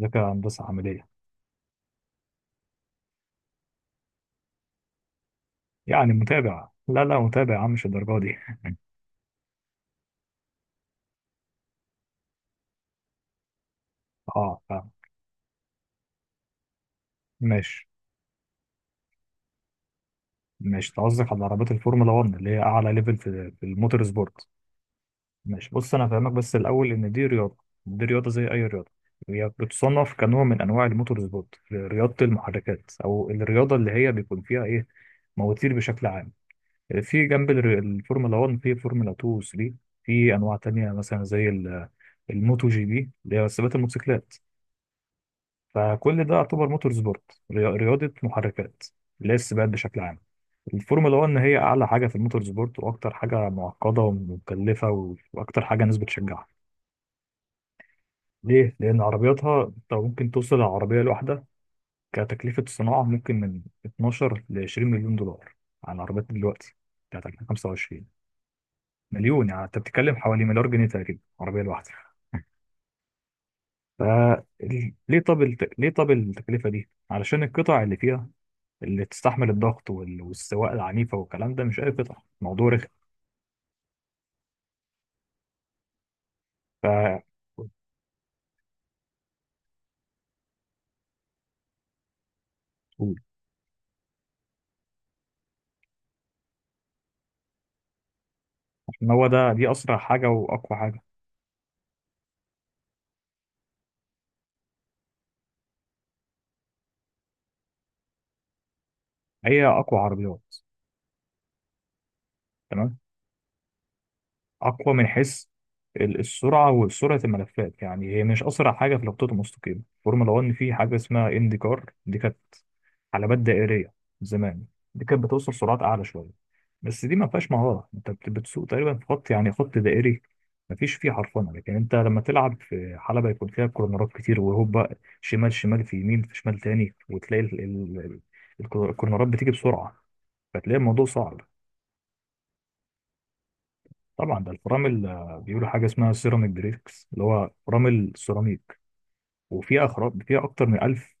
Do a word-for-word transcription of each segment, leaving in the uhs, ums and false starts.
ذكاء هندسة عملية. يعني متابع، لا لا متابع يا عم، مش الدرجة دي. اه، فاهم. ماشي ماشي، أنت قصدك على عربيات الفورمولا واحد، اللي هي أعلى ليفل في في الموتور سبورت. ماشي، بص أنا هفهمك بس الأول إن دي رياضة. دي رياضة زي أي رياضة. هي بتصنف كنوع من أنواع الموتور سبورت، رياضة المحركات، أو الرياضة اللي هي بيكون فيها إيه، مواتير بشكل عام. في جنب الر- الفورمولا واحد في فورمولا اتنين و تلاتة. في أنواع تانية مثلا زي ال- الموتو جي بي اللي هي سباقات الموتوسيكلات. فكل ده يعتبر موتور سبورت، ريا- رياضة محركات، اللي هي السباقات بشكل عام. الفورمولا واحد هي أعلى حاجة في الموتور سبورت، وأكتر حاجة معقدة ومكلفة، و- وأكتر حاجة الناس بتشجعها. ليه؟ لأن عربياتها أنت ممكن توصل العربية الواحدة كتكلفة صناعة ممكن من اتناشر ل عشرين مليون دولار، على العربيات دلوقتي بتاعت ألفين وخمسة وعشرين. مليون، يعني أنت بتتكلم حوالي مليار جنيه تقريبا عربية الواحدة. ف ليه طب الت... ليه طب التكلفة دي؟ علشان القطع اللي فيها، اللي تستحمل الضغط وال- والسواقه العنيفه والكلام ده، مش اي قطع. الموضوع رخم. ف عشان هو ده، دي اسرع حاجه واقوى حاجه. هي اقوى عربيات. تمام. اقوى من حيث ال- السرعه وسرعه الملفات. يعني هي مش اسرع حاجه في الخطوط المستقيمه فورمولا واحد. في حاجه اسمها اندي كار، دي كانت حلبات دائريه زمان. دي كانت بتوصل سرعات اعلى شويه، بس دي ما فيهاش مهاره، انت بت- بتسوق تقريبا في خط، يعني خط دائري، ما فيش فيه حرفنه. لكن انت لما تلعب في حلبه يكون فيها كورنرات كتير وهوبا، شمال شمال، في يمين، في شمال تاني، وتلاقي ال- ال- ال- الكورنرات بتيجي بسرعه، فتلاقي الموضوع صعب. طبعا ده الفرامل اللي بيقولوا حاجه اسمها سيراميك بريكس، اللي هو فرامل سيراميك، وفيها اخراج، فيها اكتر من الف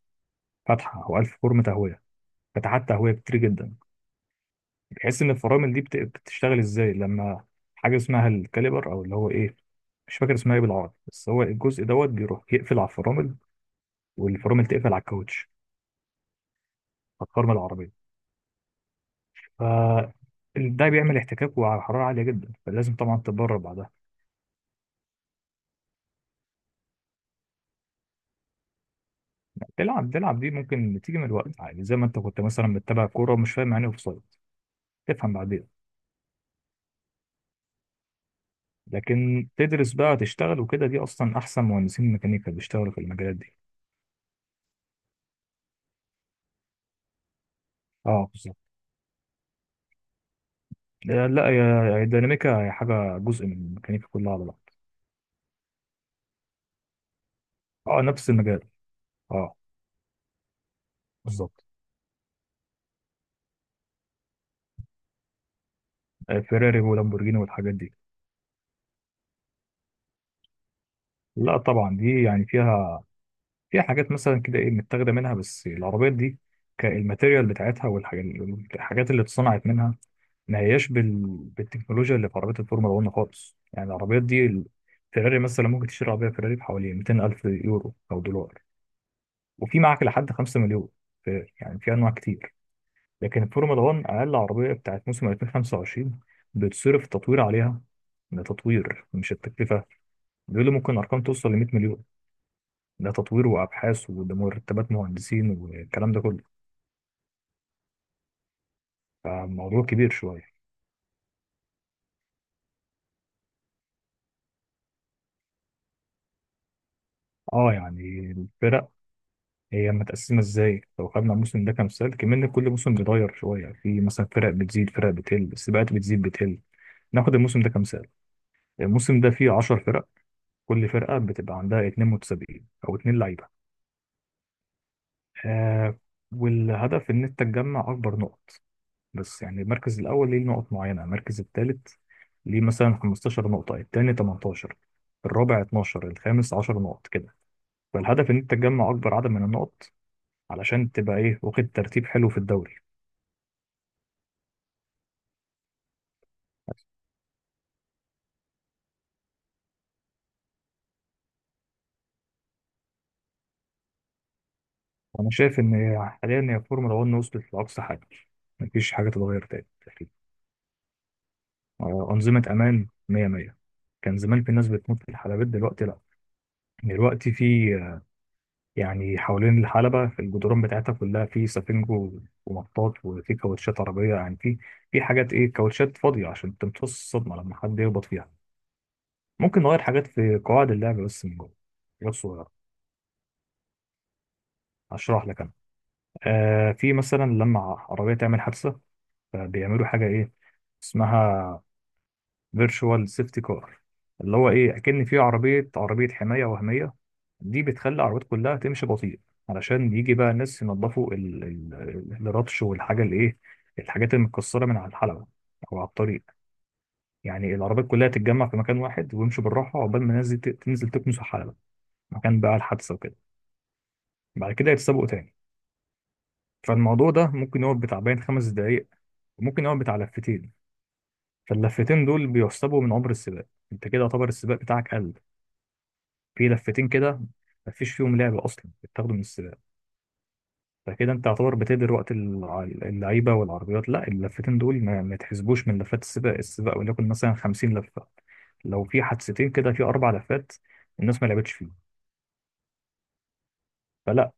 فتحه، او الف فرمه تهويه، فتحات تهويه كتير جدا، بحيث ان الفرامل دي بت- بتشتغل ازاي لما حاجه اسمها الكاليبر، او اللي هو ايه، مش فاكر اسمها ايه بالعربي، بس هو الجزء دوت بيروح يقفل على الفرامل، والفرامل تقفل على الكاوتش، على الفرامل العربيه. ف ده بيعمل احتكاك وعلى حراره عاليه جدا، فلازم طبعا تتدرب بعدها. تلعب تلعب دي ممكن تيجي من الوقت عادي، زي ما انت كنت مثلا بتتابع كوره ومش فاهم يعني اوف سايد، تفهم بعدين. لكن تدرس بقى تشتغل وكده، دي اصلا احسن مهندسين ميكانيكا بيشتغلوا في المجالات دي. اه بالظبط. آه، لا يا، يا الديناميكا هي حاجه جزء من الميكانيكا كلها على بعض. اه نفس المجال. اه بالظبط. آه، فيراري ولامبورجيني والحاجات دي. لا طبعا دي يعني فيها، في حاجات مثلا كده ايه متاخده منها، بس العربيات دي كالماتيريال بتاعتها والحاجات، الحاجات اللي اتصنعت منها ما هياش بال... بالتكنولوجيا اللي في عربيات الفورمولا واحد خالص. يعني العربيات دي ال- فيراري مثلا ممكن تشتري عربيه فيراري بحوالي ميتين الف يورو او دولار، وفي معاك لحد خمسة مليون. في... يعني في انواع كتير. لكن الفورمولا واحد اقل عربيه بتاعت موسم ألفين وخمسة وعشرين بتصرف تطوير عليها، ده تطوير مش التكلفه، بيقولوا ممكن ارقام توصل ل مية مليون. ده تطوير وابحاث، وده مرتبات مهندسين والكلام ده كله. فالموضوع كبير شويه. اه يعني الفرق، هي متقسمه ازاي، لو خدنا الموسم ده كمثال، كمان كل موسم بيتغير شويه، في مثلا فرق بتزيد، فرق بتقل، السباقات بتزيد بتقل. ناخد الموسم ده كمثال. الموسم ده فيه عشر فرق، كل فرقه بتبقى عندها اتنين متسابقين او اتنين لعيبه. آه. والهدف ان انت تجمع اكبر نقط. بس يعني المركز الأول ليه نقط معينة، المركز الثالث ليه مثلا خمستاشر نقطة، الثاني تمنتاشر، الرابع اتناشر، الخامس عشر نقط كده. فالهدف إن أنت تجمع أكبر عدد من النقط، علشان تبقى إيه، واخد ترتيب حلو في الدوري. وأنا شايف إن هي- حاليا هي فورمولا واحد وصلت لأقصى حاجة، مفيش حاجة تتغير تاني تقريبا. آه، أنظمة أمان مية مية. كان زمان في ناس بتموت في الحلبات، دلوقتي لأ. دلوقتي في، يعني حوالين الحلبة في الجدران بتاعتها كلها في سفنج و- ومطاط، وفي كاوتشات عربية، يعني في، في حاجات إيه، كاوتشات فاضية عشان تمتص الصدمة لما حد يخبط فيها. ممكن نغير حاجات في قواعد اللعب بس من جوه، حاجات صغيرة. هشرح لك أنا. آه، في مثلا لما عربية تعمل حادثة، فبيعملوا حاجة إيه اسمها فيرتشوال سيفتي كار، اللي هو ايه، اكن في عربيه، عربيه حمايه وهميه. دي بتخلي العربيات كلها تمشي بطيء، علشان يجي بقى الناس ينظفوا ال- ال- ال- الرطش والحاجه اللي ايه، الحاجات المتكسره من على الحلبه او على الطريق. يعني العربيات كلها تتجمع في مكان واحد، ويمشوا بالراحه عقبال ما الناس دي ت- تنزل تكنس الحلبه، مكان بقى الحادثه وكده، بعد كده يتسابقوا تاني. فالموضوع ده ممكن يقعد بتاع بين خمس دقايق، وممكن يقعد بتاع لفتين. فاللفتين دول بيحسبوا من عمر السباق. انت كده يعتبر السباق بتاعك قل في لفتين كده، مفيش فيهم لعب اصلا، بيتاخدوا من السباق. فكده انت تعتبر بتهدر وقت الع- اللعيبه والعربيات. لا اللفتين دول ما, ما تحسبوش من لفات السباق. السباق وليكن مثلا خمسين لفه، لو في حادثتين كده في اربع لفات الناس ما لعبتش فيه. فلا.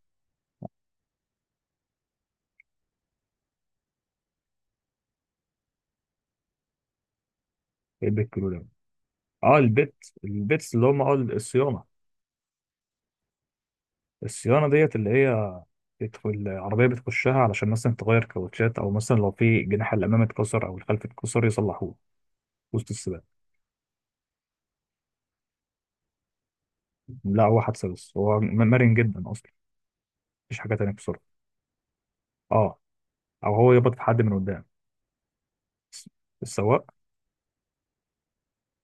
البيت كله لعب. اه البيت، البيتس اللي هم اه الصيانه. الصيانه ديت اللي هي بتدخل العربيه بتخشها، علشان مثلا تغير كاوتشات، او مثلا لو في جناح الامام اتكسر او الخلف اتكسر يصلحوه وسط السباق. لا هو حادثه، بس هو مرن جدا اصلا. مفيش حاجه تانية بسرعه. اه. او هو يخبط في حد من قدام. السواق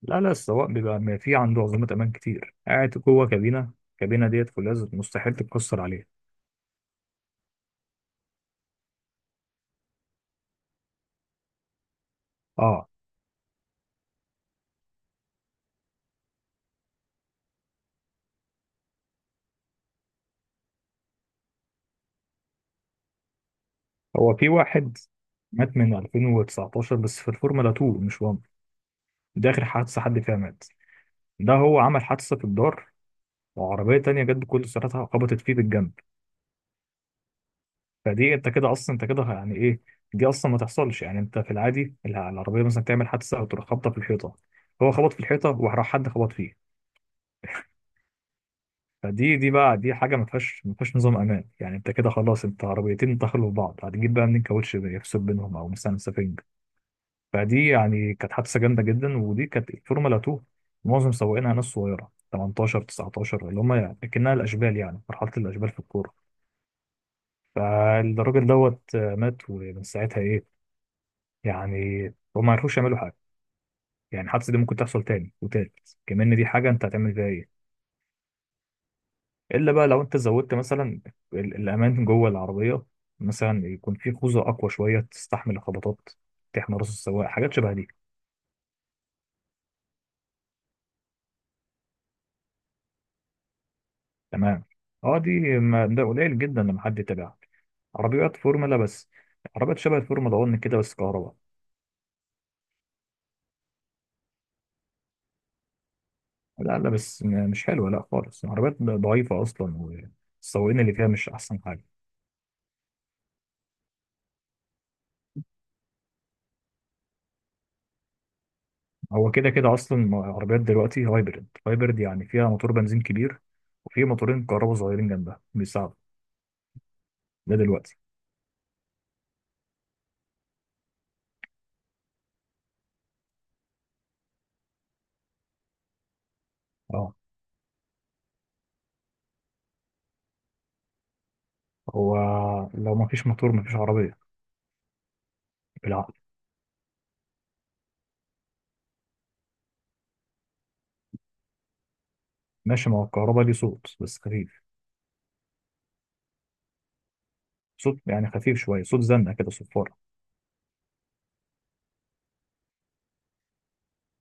لا لا، السواق بيبقى ما في عنده عزومات امان كتير، قاعد جوه كابينه، الكابينه ديت فولاذ، مستحيل تتكسر عليه. اه، هو في واحد مات من ألفين وتسعتاشر، بس في الفورمولا اتنين مش واحد. ده اخر حادثه حد فيها مات. ده هو عمل حادثه في الدار، وعربيه تانية جت بكل سرعتها خبطت فيه بالجنب. فدي انت كده اصلا، انت كده يعني ايه، دي اصلا ما تحصلش. يعني انت في العادي الع- العربيه مثلا تعمل حادثه او تروح خبطه في الحيطه، هو خبط في الحيطه وراح حد خبط فيه. فدي، دي بقى دي حاجه ما فيهاش ما فيهاش نظام امان. يعني انت كده خلاص، انت عربيتين دخلوا في بعض، هتجيب بقى منين كاوتش يفصل بينهم، او مثلا سفنج. فدي يعني كانت حادثه جامده جدا، ودي كانت فورمولا اتنين. معظم سواقينها ناس صغيره تمنتاشر تسعتاشر، اللي هم يعني اكنها الاشبال، يعني مرحله الاشبال في الكوره. فالراجل دوت آه، مات، ومن ساعتها ايه، يعني هم ما عرفوش يعملوا حاجه. يعني الحادثه دي ممكن تحصل تاني وتالت كمان، دي حاجه انت هتعمل فيها ايه، الا بقى لو انت زودت مثلا ال- الامان جوه العربيه. مثلا يكون في خوذه اقوى شويه تستحمل الخبطات، تحمي راس السواق، حاجات شبه دي. تمام. اه دي ما ده قليل جدا لما حد يتابعها، عربيات فورمولا بس، عربيات شبه الفورمولا واحد كده بس كهرباء. لا لا بس م- مش حلوه، لا خالص، عربيات ضعيفه اصلا، والسواقين اللي فيها مش احسن حاجه. هو كده كده اصلا، عربيات دلوقتي هايبرد. هايبرد يعني فيها موتور بنزين كبير، وفي موتورين كهرباء صغيرين جنبها بيساعدوا. ده دلوقتي. اه هو لو ما فيش موتور ما فيش عربية. بالعقل. ماشي، ما هو الكهرباء ليه صوت بس خفيف، صوت يعني خفيف شوية، صوت زنة كده، صفارة.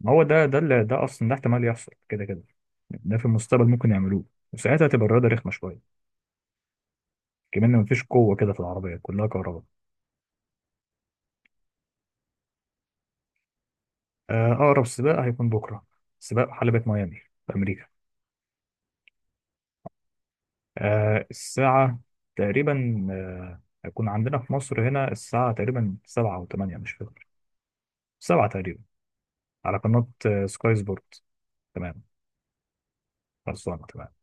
ما هو ده، ده اللي، ده أصلا ده احتمال يحصل كده كده، ده في المستقبل ممكن يعملوه، وساعتها هتبقى الرياضة رخمة شوية، كمان ما فيش قوة، كده في العربية كلها كهرباء. آه، أقرب سباق هيكون بكرة، سباق حلبة ميامي في أمريكا. آه، الساعة تقريبا، آه، هيكون عندنا في مصر هنا الساعة تقريبا سبعة أو تمانية مش فاكر، سبعة تقريبا، على قناة آه، سكاي سبورت. تمام. خلصانه تمام.